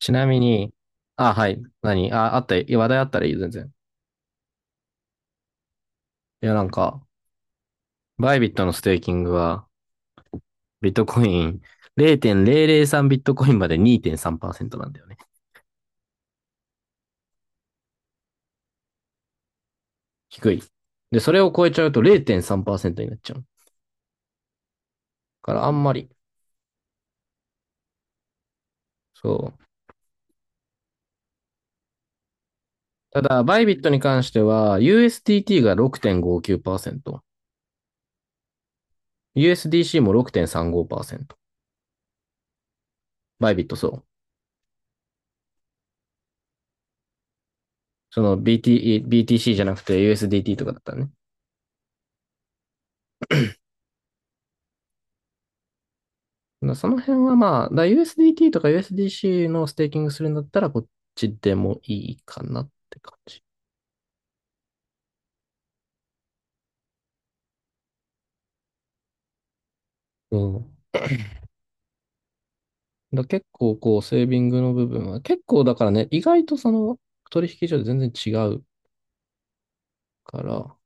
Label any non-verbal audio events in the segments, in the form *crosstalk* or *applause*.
ちなみに、あ、はい。何あ、あった、いや、話題あったらいいよ、全然。いや、なんか、バイビットのステーキングは、ビットコイン0.003ビットコインまで2.3%なんだよね。低い。で、それを超えちゃうと0.3%になっちゃう。からあんまり。そう。ただ、バイビットに関しては、USDT が6.59%、USDC も6.35%。バイビットそう。その BTC じゃなくて USDT とかだったらね。その辺はまあ、USDT とか USDC のステーキングするんだったらこっちでもいいかなって感じ。うん。結構こう、セービングの部分は、結構だからね、意外とその取引所で全然違うから、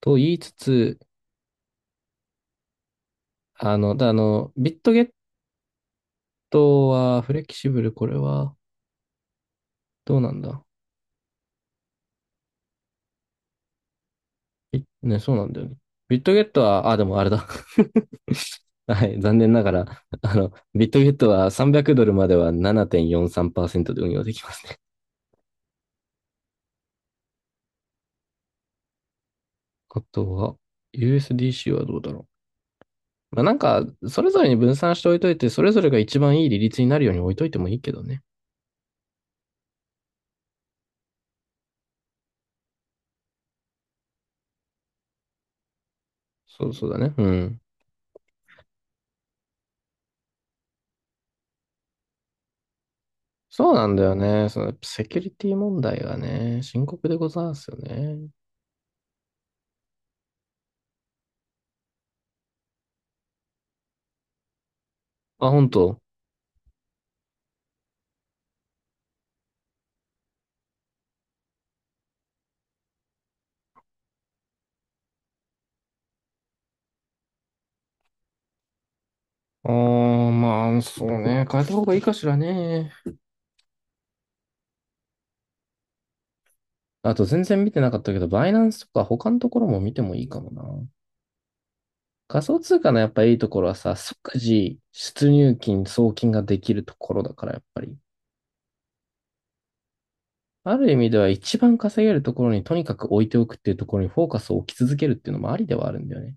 と言いつつ、あの、だあの、ビットゲットはフレキシブル、これはどうなんだ。いね、そうなんだよね。ビットゲットは、あ、でもあれだ。*laughs* はい、残念ながら、ビットゲットは300ドルまでは7.43%で運用できますね。*laughs* あとは、USDC はどうだろう。まあ、なんか、それぞれに分散しておいといて、それぞれが一番いい利率になるように置いといてもいいけどね。そうそうだね。うん。そうなんだよね。その、セキュリティ問題がね、深刻でございますよね。あ、本当。ああ、まあ、そうね。変えた方がいいかしらね。あと全然見てなかったけど、バイナンスとか他のところも見てもいいかもな。仮想通貨のやっぱいいところはさ、即時出入金、送金ができるところだからやっぱり。ある意味では一番稼げるところにとにかく置いておくっていうところにフォーカスを置き続けるっていうのもありではあるんだよね。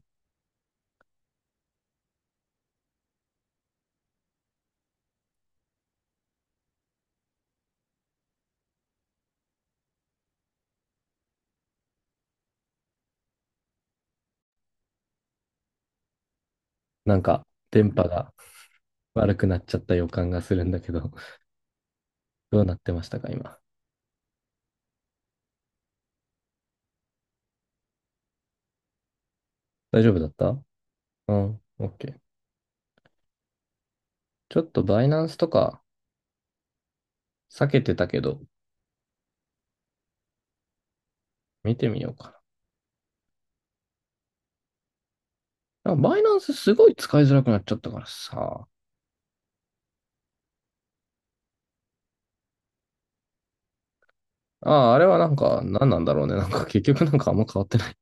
なんか、電波が悪くなっちゃった予感がするんだけど、*laughs* どうなってましたか、今。大丈夫だった？うん、OK。ちょっとバイナンスとか避けてたけど、見てみようかな。バイナンスすごい使いづらくなっちゃったからさ。ああ、あれはなんか、何なんだろうね。なんか、結局なんかあんま変わってない。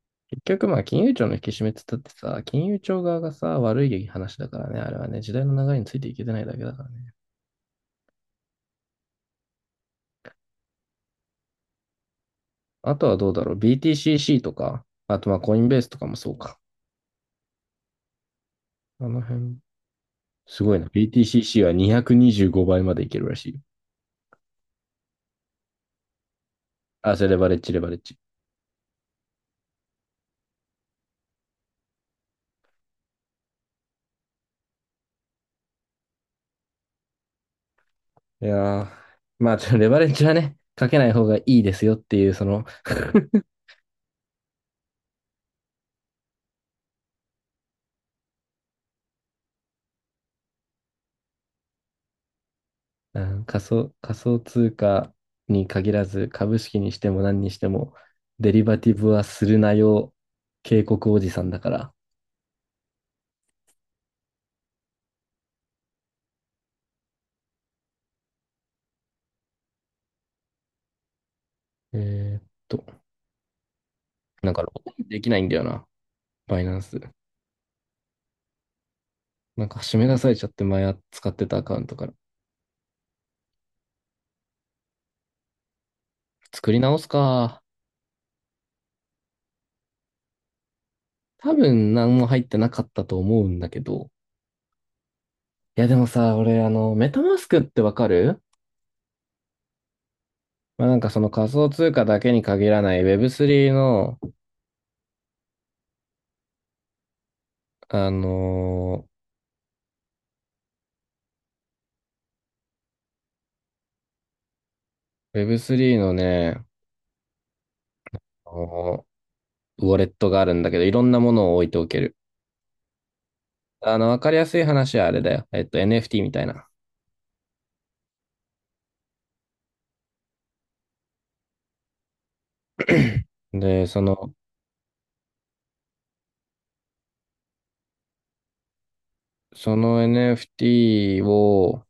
*laughs* 結局まあ、金融庁の引き締めって言ったってさ、金融庁側がさ、悪い話だからね。あれはね、時代の流れについていけてないだけだからね。あとはどうだろう。BTCC とか、あとまあ、コインベースとかもそうか。あの辺、すごいな。BTCC は225倍までいけるらしいよ。あ、それレバレッジ、レバレッジ。いやー、まあ、レバレッジはね、かけない方がいいですよっていう、その *laughs* うん、仮想通貨に限らず、株式にしても何にしても、デリバティブはするなよ、警告おじさんだから。えーっと、なんかログインできないんだよな、バイナンス。なんか締め出されちゃって、前使ってたアカウントから。作り直すか。多分何も入ってなかったと思うんだけど。いやでもさ、俺、メタマスクってわかる？まあ、なんかその仮想通貨だけに限らない Web3 の、あのー Web3 のね、あのウォレットがあるんだけど、いろんなものを置いておける。わかりやすい話はあれだよ。NFT みたいな。で、その、NFT を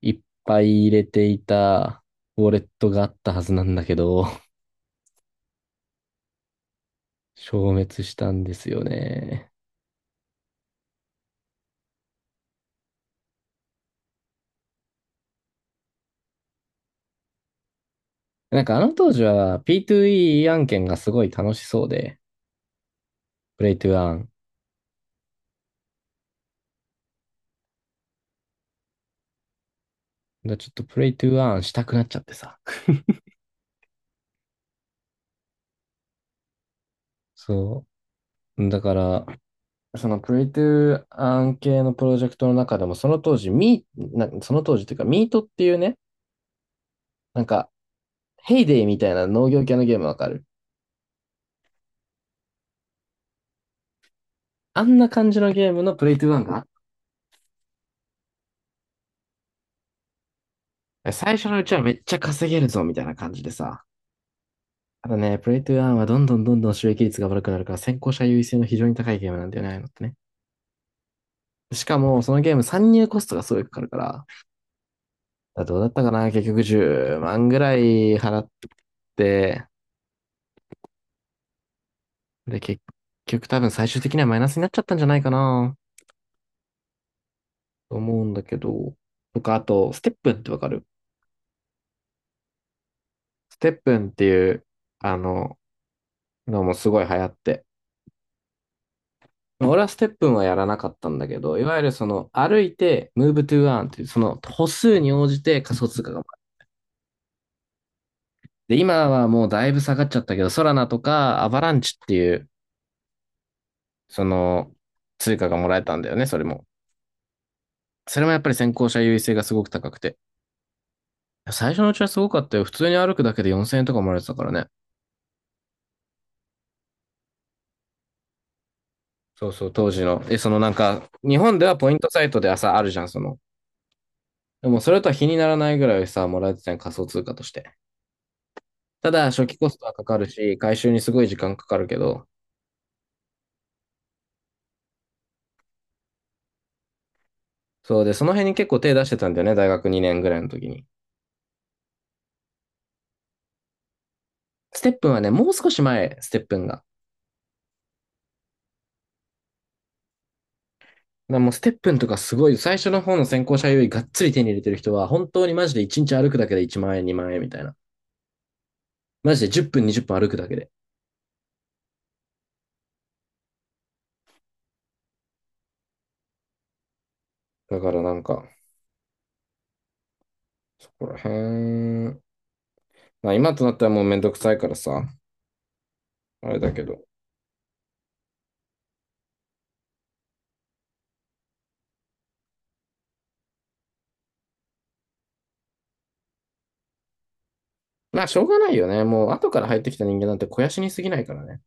いっぱい入れていたウォレットがあったはずなんだけど、*laughs* 消滅したんですよね。なんかあの当時は P2E 案件がすごい楽しそうで、プレイトゥーアーン。だからちょっとプレイトゥーアーンしたくなっちゃってさ。そう。だから、そのプレイトゥー案系のプロジェクトの中でも、その当時、ミー、なその当時っていうか、ミートっていうね、なんか、ヘイデイみたいな農業系のゲームわかる？あんな感じのゲームのプレイトゥーンが、最初のうちはめっちゃ稼げるぞみたいな感じでさ。ただね、プレイトゥーンはどんどんどんどん収益率が悪くなるから、先行者優位性の非常に高いゲームなんだよね、ああいうのってね。しかも、そのゲーム参入コストがすごいかかるから、どうだったかな結局10万ぐらい払って、で、結局多分最終的にはマイナスになっちゃったんじゃないかなと思うんだけど、とか、あと、ステップンってわかる？ステップンっていう、あの、のもすごい流行って。俺はステップンはやらなかったんだけど、いわゆるその歩いて、ムーブトゥーアーンっていう、その歩数に応じて仮想通貨が回る。で、今はもうだいぶ下がっちゃったけど、ソラナとかアバランチっていう、その通貨がもらえたんだよね、それも。それもやっぱり先行者優位性がすごく高くて。最初のうちはすごかったよ。普通に歩くだけで4000円とかもらえてたからね。そうそう、当時の。え、そのなんか、日本ではポイントサイトで朝あるじゃん、その。でもそれとは比にならないぐらいさ、もらえてたん仮想通貨として。ただ、初期コストはかかるし、回収にすごい時間かかるけど、そうで、その辺に結構手出してたんだよね、大学2年ぐらいの時に。ステップンはね、もう少し前、ステップンが。だからもうステップンとかすごい、最初の方の先行者優位がっつり手に入れてる人は、本当にマジで1日歩くだけで1万円、2万円みたいな。マジで10分、20分歩くだけで。だからなんか、そこら辺、まあ今となったらもうめんどくさいからさ、あれだけど。まあ、しょうがないよね。もう、後から入ってきた人間なんて肥やしに過ぎないからね。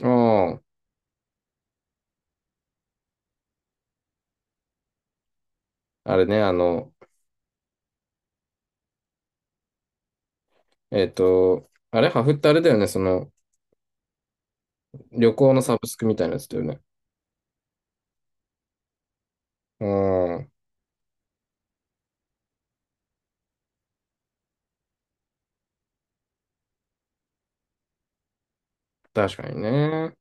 ああれね、あれ、ハフってあれだよね。その、旅行のサブスクみたいなやつだよね。うん、確かにね。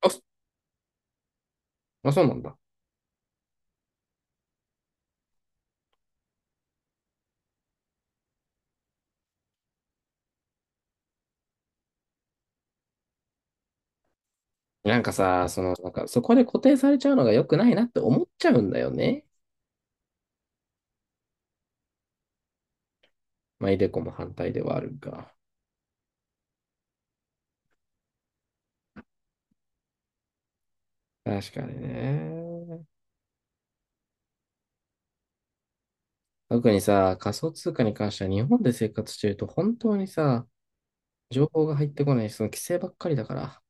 あ、そそうなんだ。なんかさ、その、なんか、そこで固定されちゃうのが良くないなって思っちゃうんだよね。まあ、イデコも反対ではあるが。確かにね。特にさ、仮想通貨に関しては日本で生活してると本当にさ、情報が入ってこないし、その規制ばっかりだから。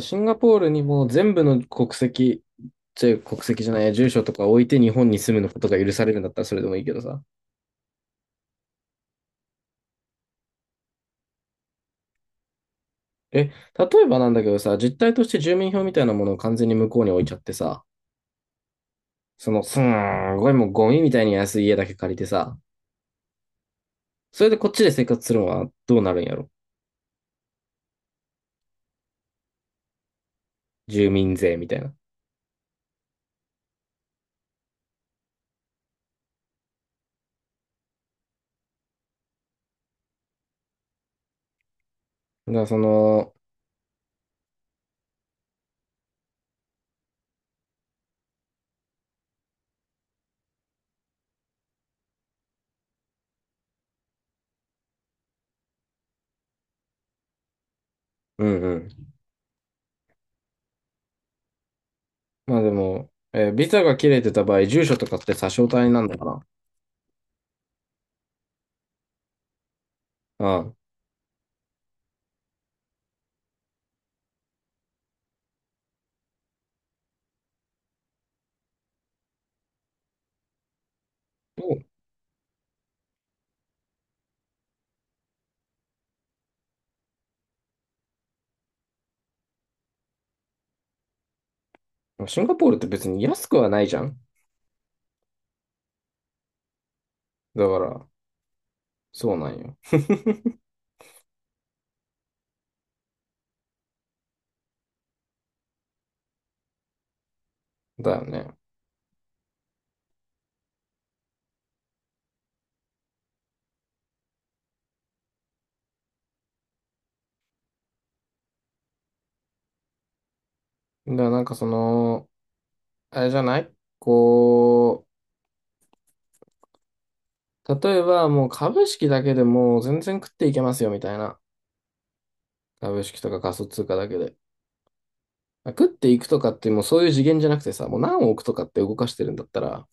シンガポールにもう全部の国籍、ちょ、国籍じゃないや、住所とか置いて日本に住むのことが許されるんだったらそれでもいいけどさ。え、例えばなんだけどさ、実態として住民票みたいなものを完全に向こうに置いちゃってさ、その、すんごいもうゴミみたいに安い家だけ借りてさ、それでこっちで生活するのはどうなるんやろ？住民税みたいな。だからその、うんうん。まあでも、ビザが切れてた場合、住所とかって差し押さえになるのかな？うん。シンガポールって別に安くはないじゃん。だから、そうなんよ。だよね。だからなんかその、あれじゃない？こう、例えばもう株式だけでもう全然食っていけますよみたいな。株式とか仮想通貨だけで。食っていくとかってもうそういう次元じゃなくてさ、もう何億とかって動かしてるんだったら、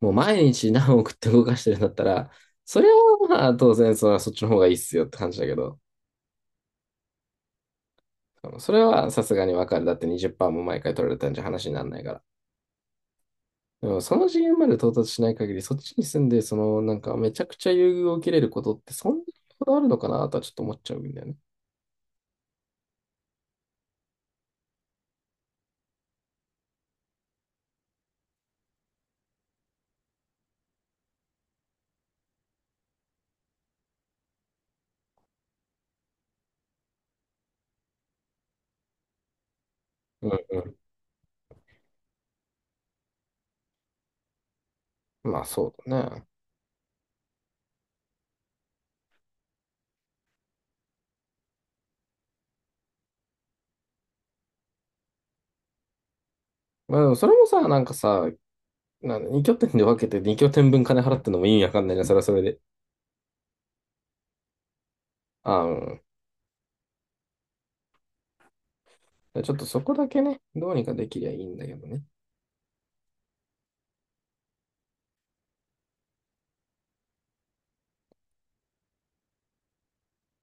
もう毎日何億って動かしてるんだったら、それはまあ当然そっちの方がいいっすよって感じだけど、それはさすがにわかる。だって20%も毎回取られたんじゃ話にならないから。でもその次元まで到達しない限り、そっちに住んで、その、なんか、めちゃくちゃ優遇を受けれることって、そんなにこだわるのかなとはちょっと思っちゃうんだよね。うんうん。まあ、そうだね。まあ、でもそれもさ、なんかさ、なんに拠点で分けて二拠点分金払ってんのも意味わかんないな、それはそれで。ああ、うん。ちょっとそこだけね、どうにかできりゃいいんだけどね。